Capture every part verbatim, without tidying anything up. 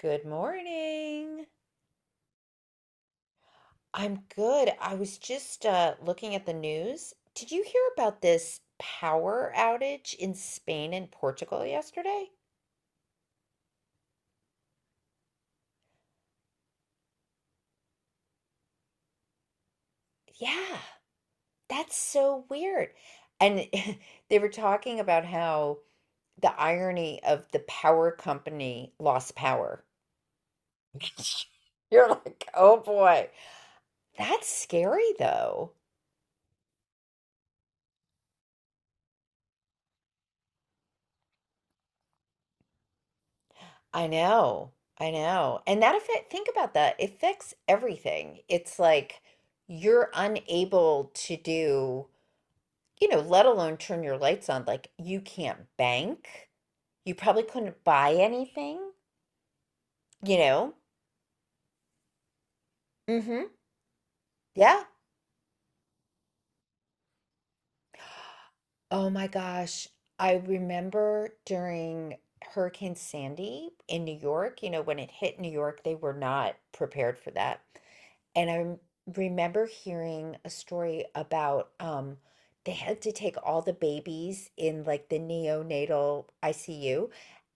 Good morning. I'm good. I was just uh, looking at the news. Did you hear about this power outage in Spain and Portugal yesterday? Yeah, that's so weird. And they were talking about how the irony of the power company lost power. You're like, oh boy, that's scary though. I know. I know. And that affect think about that. It affects everything. It's like you're unable to do, you know, let alone turn your lights on. Like you can't bank. You probably couldn't buy anything, you know? Mm-hmm. Yeah. Oh my gosh. I remember during Hurricane Sandy in New York, you know, when it hit New York, they were not prepared for that. And I rem- remember hearing a story about um, they had to take all the babies in like the neonatal I C U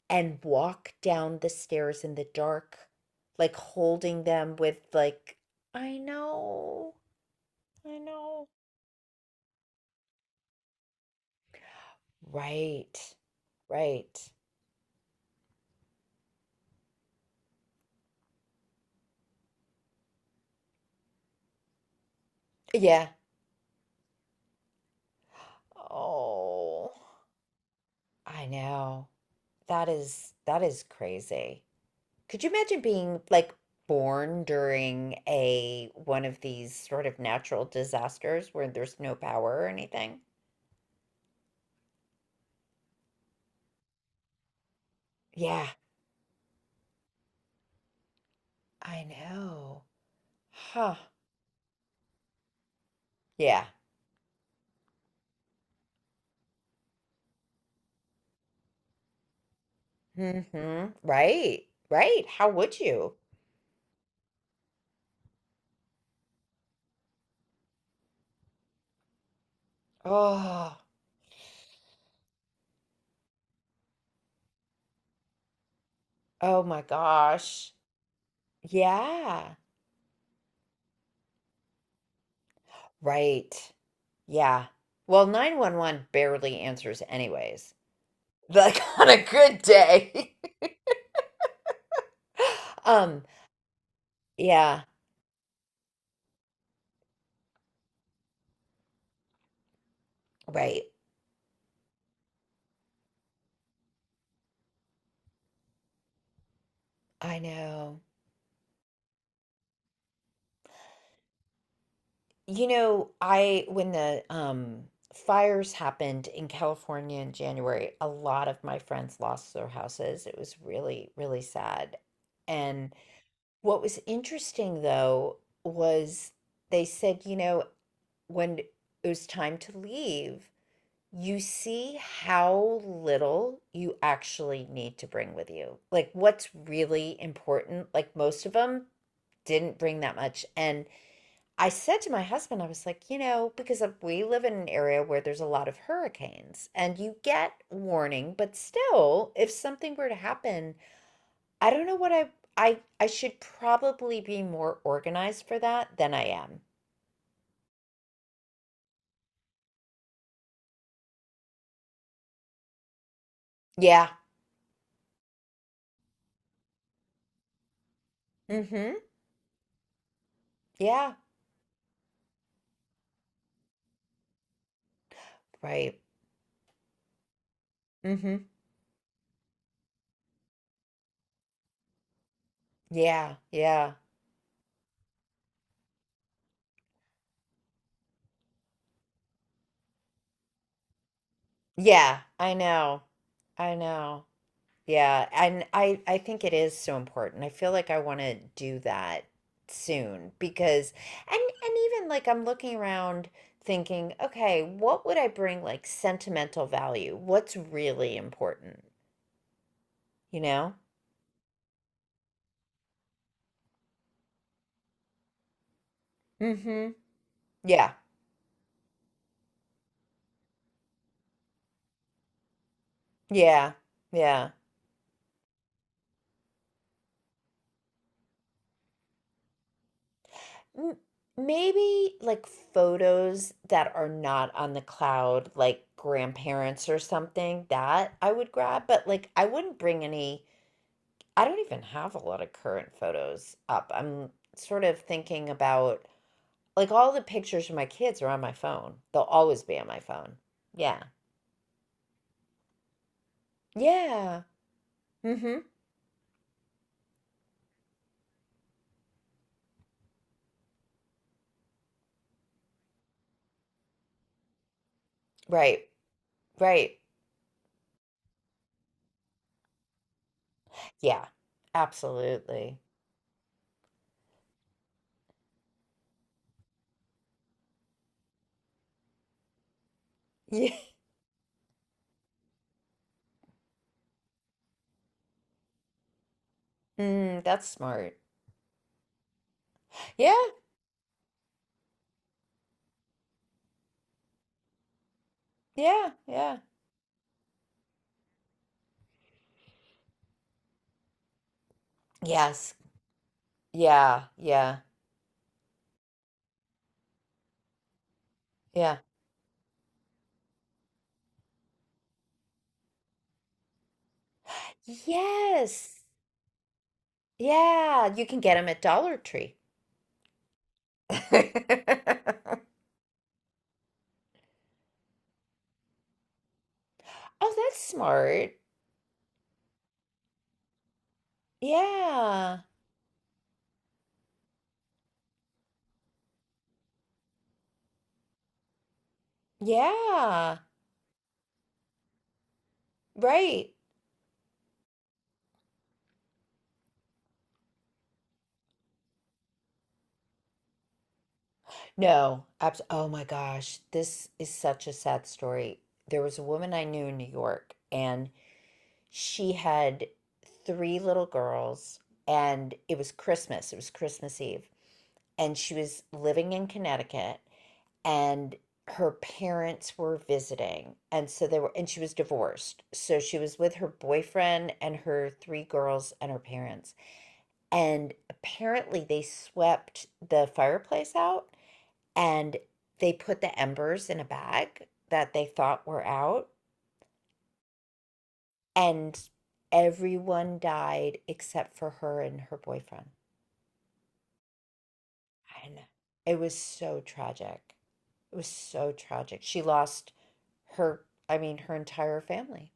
and walk down the stairs in the dark, like holding them with like, I know, I know. Right, right. Yeah, oh, I know. That is that is crazy. Could you imagine being like born during a one of these sort of natural disasters where there's no power or anything? Yeah, I know. Huh. Yeah. Hmm. Right. Right. How would you? Oh, oh my gosh. Yeah. Right. Yeah. Well, nine one one barely answers anyways. Like on a good day. Um, yeah, right. I know. You know, I when the um fires happened in California in January, a lot of my friends lost their houses. It was really, really sad. And what was interesting though was they said, you know, when it was time to leave, you see how little you actually need to bring with you. Like what's really important, like most of them didn't bring that much. And I said to my husband, I was like, you know, because we live in an area where there's a lot of hurricanes and you get warning, but still, if something were to happen, I don't know what I I I should probably be more organized for that than I am. Yeah. Mm-hmm. Yeah. Right. Mm-hmm. Yeah. Yeah. Yeah, I know. I know. Yeah, and I I think it is so important. I feel like I want to do that soon because and and even like I'm looking around thinking, okay, what would I bring like sentimental value? What's really important, you know? Mm-hmm. Yeah. Yeah. Yeah. M Maybe, like, photos that are not on the cloud, like grandparents or something, that I would grab, but, like, I wouldn't bring any. I don't even have a lot of current photos up. I'm sort of thinking about like, all the pictures of my kids are on my phone. They'll always be on my phone. Yeah. Yeah. Mhm. Right. Right. Yeah. Absolutely. Yeah. Mm, that's smart. Yeah. Yeah. Yeah. Yes. Yeah, yeah, yeah. Yes. Yeah, you can get them at Dollar Tree. Oh, that's smart. Yeah. Yeah. Right. No. Abs Oh my gosh. This is such a sad story. There was a woman I knew in New York, and she had three little girls, and it was Christmas. It was Christmas Eve. And she was living in Connecticut. And her parents were visiting and so they were and she was divorced, so she was with her boyfriend and her three girls and her parents, and apparently they swept the fireplace out and they put the embers in a bag that they thought were out, and everyone died except for her and her boyfriend. And it was so tragic it was so tragic, she lost her, I mean, her entire family.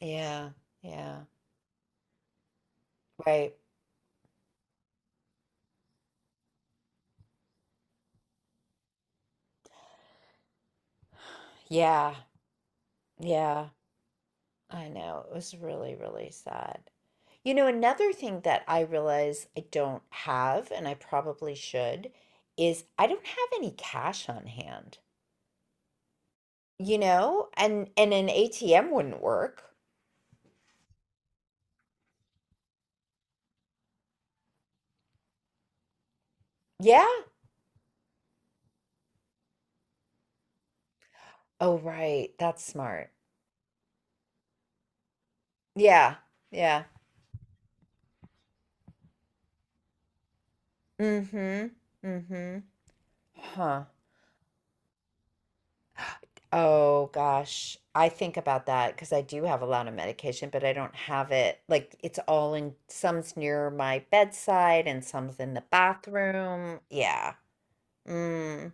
Yeah, yeah, right. Yeah, yeah, I know. It was really, really sad. You know, another thing that I realize I don't have, and I probably should, is I don't have any cash on hand. You know, and and an A T M wouldn't work. Yeah. Oh, right. That's smart. Yeah. Yeah. Mm-hmm. Mm-hmm. Huh. Oh gosh, I think about that because I do have a lot of medication, but I don't have it like it's all in some's near my bedside and some's in the bathroom. Yeah. Mm,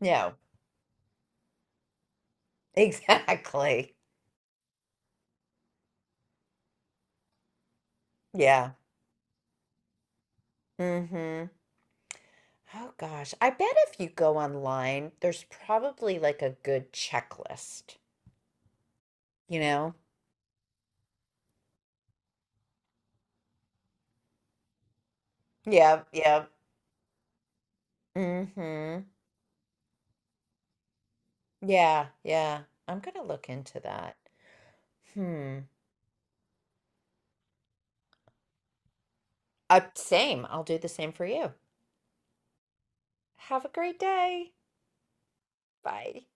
no, exactly. Yeah. Mm-hmm. Oh gosh, I bet if you go online, there's probably like a good checklist, you know? Yeah, yeah. Mm-hmm. Yeah, yeah. I'm gonna look into that. Hmm. Uh, same. I'll do the same for you. Have a great day. Bye.